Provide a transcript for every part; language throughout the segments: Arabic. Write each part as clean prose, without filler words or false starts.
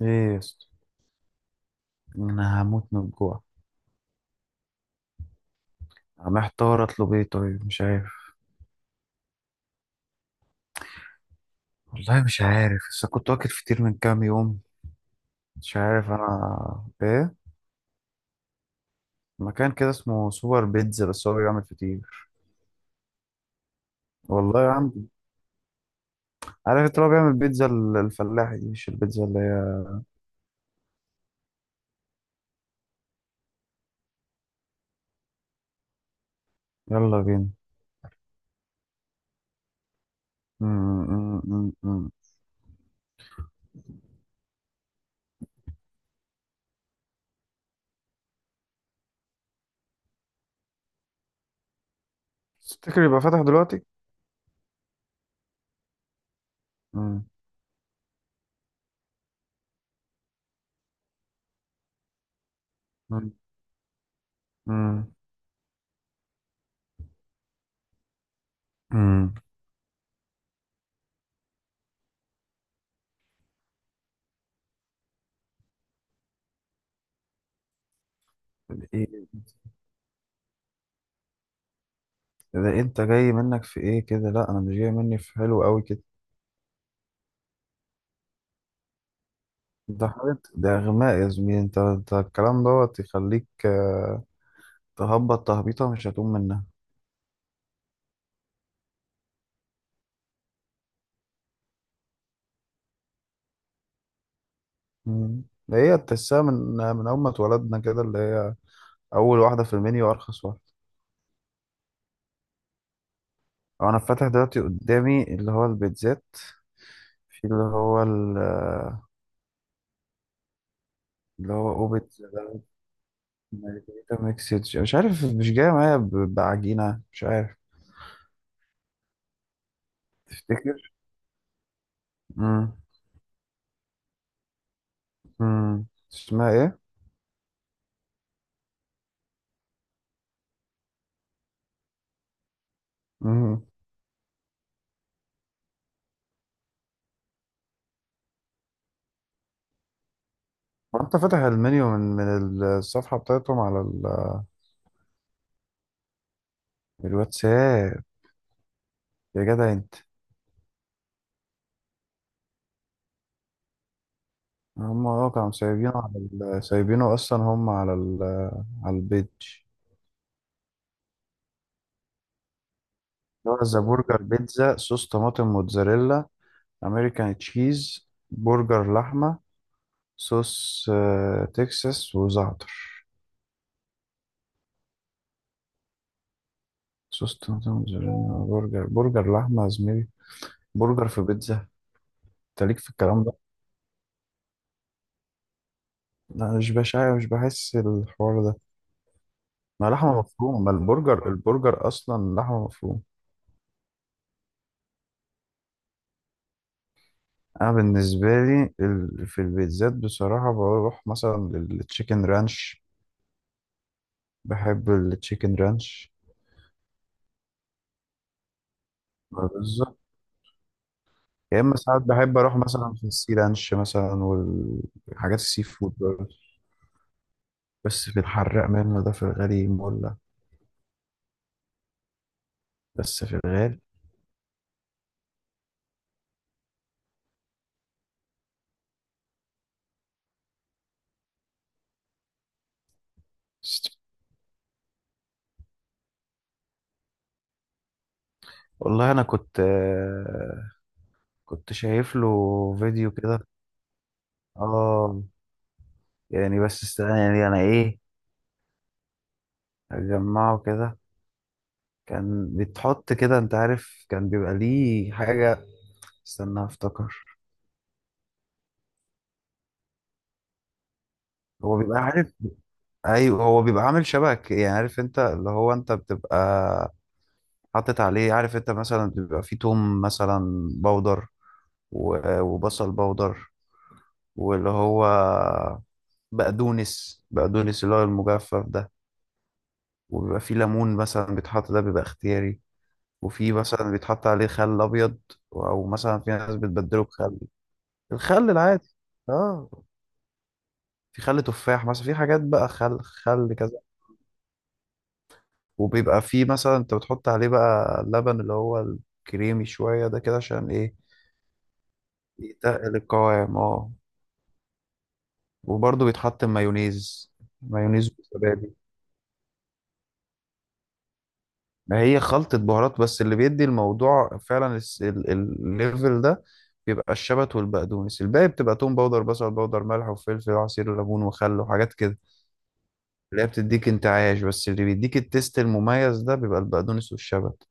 ايه يا اسطى؟ انا هموت من الجوع. محتار اطلب ايه؟ طيب مش عارف. والله مش عارف بس كنت واكل فطير من كام يوم. مش عارف انا ايه. مكان كده اسمه سوبر بيتزا بس هو بيعمل فطير. والله يا عم. عارف انت لو بيعمل بيتزا الفلاحي دي مش البيتزا اللي هي. يلا بينا. م- م- م- م- م. تفتكر يبقى فاتح دلوقتي؟ م- م- م- م. ايه. ده انت جاي منك في ايه كده؟ لا انا مش جاي مني في حلو قوي كده. ده حاجة، ده غماء يا زميلي. انت الكلام دوت يخليك تهبط تهبيطة مش هتقوم منها. مم. ده هي تحسها من أول ما اتولدنا كده، اللي هي أول واحدة في المنيو أرخص واحدة. أنا فاتح دلوقتي قدامي اللي هو البيتزات. في اللي هو اللي هو أوبيت، مارجريتا ميكسيتش مش عارف، مش جاية معايا بعجينة، مش عارف. تفتكر؟ مم. مم. اسمها إيه؟ مم. وأنت فاتح المنيو من الصفحة بتاعتهم على الواتساب؟ يا جدع انت. هم اه كانوا سايبينه على سايبينه اصلا هم على على البيج. اللي هو ذا برجر بيتزا، صوص طماطم موتزاريلا، امريكان تشيز، برجر لحمه، صوص تكساس وزعتر. صوص طماطم موتزاريلا. برجر لحمه يا زميلي. برجر في بيتزا، انت ليك في الكلام ده. لا مش بشع، مش بحس الحوار ده. ما لحمه مفرومه، ما البرجر اصلا لحمه مفرومه. انا بالنسبه لي في البيتزات بصراحه بروح مثلا للتشيكن رانش. بحب التشيكن رانش. بالظبط. يا اما ساعات بحب اروح مثلا في السي رانش مثلا والحاجات السي فود برضه. بس في الحراق منه ده، في الغالي مولع. بس في الغالي. والله انا كنت كنت شايف له فيديو كده. اه يعني، بس استنى يعني انا ايه، اجمعه كده. كان بيتحط كده، انت عارف، كان بيبقى ليه حاجة. استنى افتكر. هو بيبقى عارف. ايوه هو بيبقى عامل شبك يعني، عارف انت اللي هو، انت بتبقى حاطط عليه، عارف انت، مثلا بيبقى فيه توم مثلا بودر وبصل بودر، واللي هو بقدونس اللي هو المجفف ده. وبيبقى فيه ليمون مثلا بيتحط، ده بيبقى اختياري. وفي مثلا بيتحط عليه خل ابيض، او مثلا في ناس بتبدله بخل. الخل العادي. اه، في خل تفاح مثلا، في حاجات بقى، خل كذا. وبيبقى فيه مثلا انت بتحط عليه بقى اللبن اللي هو الكريمي شوية ده، كده عشان ايه. يتقل القوام، اه. وبرضه بيتحط مايونيز. مايونيز وزبادي. ما هي خلطة بهارات بس، اللي بيدي الموضوع فعلا الليفل ده بيبقى الشبت والبقدونس. الباقي بتبقى توم باودر، بصل باودر، ملح وفلفل وعصير ليمون وخل وحاجات كده، اللي هي بتديك انتعاش. بس اللي بيديك التيست المميز ده بيبقى البقدونس والشبت.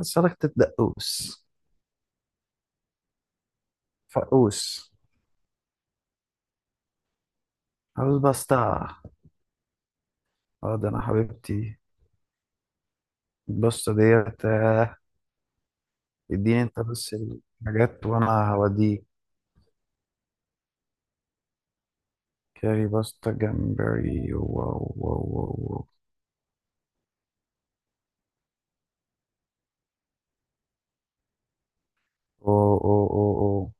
سلطة دقوس. فقوس. عاوز بسطة. اه، ده انا حبيبتي. الباستا ديت، اديني انت بس الحاجات وانا هوديك. كاري باستا جمبري، واو واو واو واو. أو أو أو أو.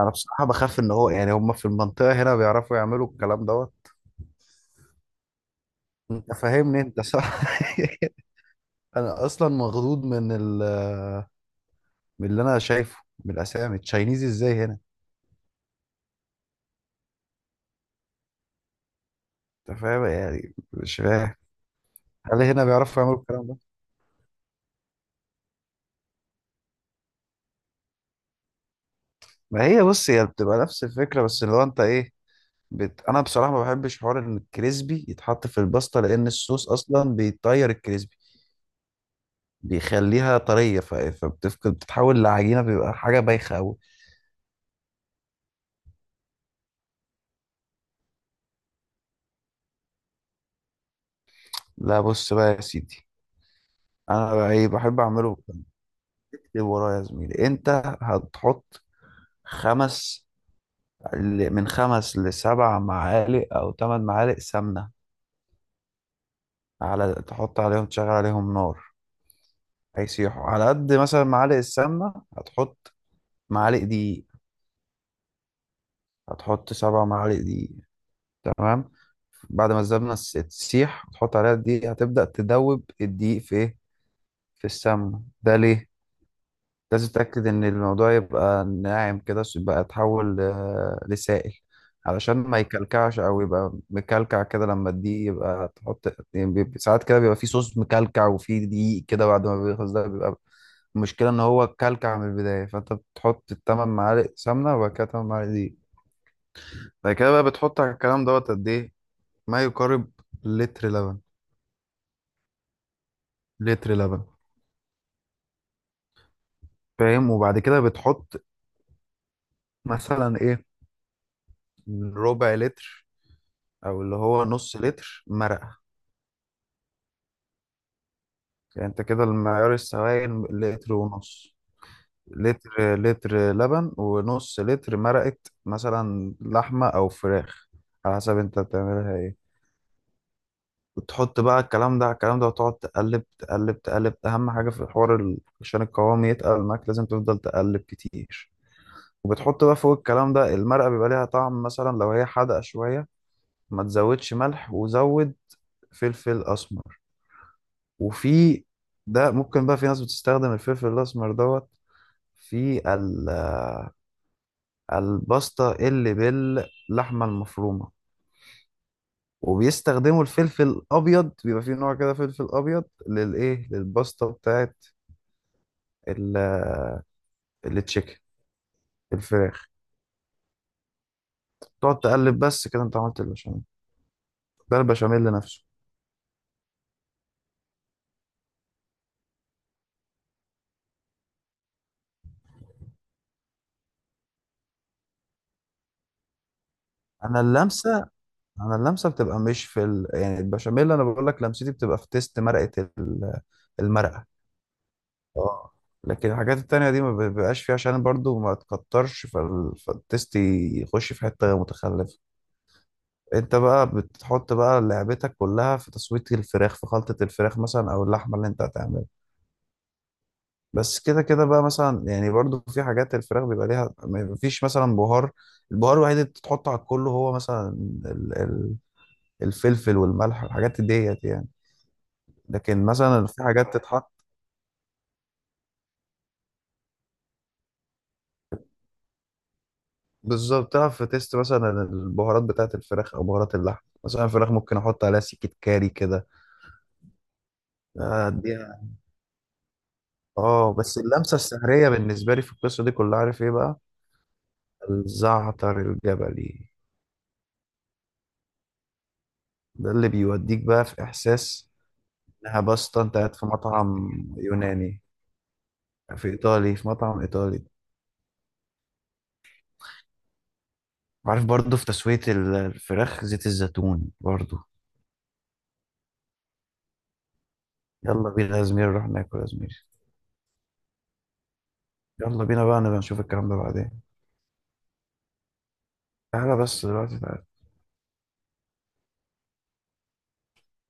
انا بصراحة بخاف ان هو يعني هم في المنطقة هنا بيعرفوا يعملوا الكلام دوت. انت فاهمني انت، صح. انا اصلا مخضوض من من اللي انا شايفه من الاسامي التشاينيز ازاي هنا. انت فاهم يعني، مش فاهم. هل هنا بيعرفوا يعملوا الكلام ده؟ ما هي بص، هي بتبقى نفس الفكرة، بس لو انت ايه، انا بصراحه ما بحبش حوار ان الكريسبي يتحط في الباستا، لان الصوص اصلا بيطير الكريسبي، بيخليها طريه، فبتفقد، بتتحول لعجينه، بيبقى حاجه بايخه قوي. لا بص بقى يا سيدي، انا بقى ايه بحب اعمله. اكتب ورايا يا زميلي انت. هتحط خمس، من 5 ل7 معالق او 8 معالق سمنه. على، تحط عليهم، تشغل عليهم نار. هيسيحوا على قد مثلا معالق السمنه. هتحط معالق دقيق. هتحط 7 معالق دقيق. تمام. بعد ما الزبدة تسيح وتحط عليها الدقيق، هتبدأ تدوب الدقيق في ايه، في السمنة. ده ليه؟ لازم تتأكد ان الموضوع يبقى ناعم كده، يبقى يتحول لسائل. علشان ما يكلكعش او يبقى مكلكع كده. لما الدقيق يبقى تحط، يعني بيبقى- ساعات كده بيبقى فيه صوص مكلكع وفيه دقيق كده بعد ما بيخلص ده بيبقى. المشكلة ان هو كلكع من البداية. فانت بتحط ال8 معالق سمنة وبعد كده 8 معالق دقيق. بعد كده بقى بتحط على الكلام دوت قد ايه؟ ما يقارب لتر لبن. لتر لبن. فاهم. وبعد كده بتحط مثلا ايه، ربع لتر او اللي هو نص لتر مرقه. يعني انت كده المعيار السوائل لتر ونص. لتر لتر لبن ونص لتر مرقه. مثلا لحمه او فراخ، على حسب انت بتعملها ايه. وتحط بقى الكلام ده على الكلام ده، وتقعد تقلب تقلب تقلب. اهم حاجه في الحوار عشان القوام يتقل معاك لازم تفضل تقلب كتير. وبتحط بقى فوق الكلام ده المرقه. بيبقى ليها طعم مثلا، لو هي حادقه شويه ما تزودش ملح، وزود فلفل اسمر. وفي، ده ممكن بقى، في ناس بتستخدم الفلفل الاسمر دوت في الباستا اللي باللحمه المفرومه. وبيستخدموا الفلفل الابيض. بيبقى في نوع كده فلفل ابيض، للايه، للباستا بتاعت ال- التشيكن، الفراخ. تقعد تقلب بس كده، انت عملت البشاميل. ده البشاميل نفسه. انا اللمسه انا اللمسه بتبقى مش في يعني البشاميل، انا بقول لك لمستي بتبقى في تيست مرقه المرقه. اه. لكن الحاجات التانية دي ما بيبقاش فيها، عشان برضو ما تكترش فالتست يخش في حتة متخلفة. انت بقى بتحط بقى لعبتك كلها في تسوية الفراخ، في خلطة الفراخ مثلا او اللحمة اللي انت هتعملها. بس كده كده بقى مثلا يعني، برضو في حاجات الفراخ بيبقى ليها. ما فيش مثلا بهار، البهار الوحيد اللي بتحطه على الكل هو مثلا ال- ال- الفلفل والملح، الحاجات ديت يعني. لكن مثلا في حاجات تتحط. بالظبط. تعرف في تيست مثلا البهارات بتاعة الفراخ او بهارات اللحم، مثلا الفراخ ممكن احط عليها سكة كاري كده. اديها. اه، بس اللمسة السحرية بالنسبة لي في القصة دي كلها عارف ايه بقى؟ الزعتر الجبلي. ده اللي بيوديك بقى في احساس انها باستا، انت قاعد في مطعم يوناني، في ايطالي، في مطعم ايطالي. عارف، برضه في تسوية الفراخ زيت الزيتون برضه. يلا بينا يا زميلي نروح ناكل يا زميلي. يلا بينا بقى نبقى نشوف الكلام ده بعدين. تعالى بس دلوقتي، تعالى.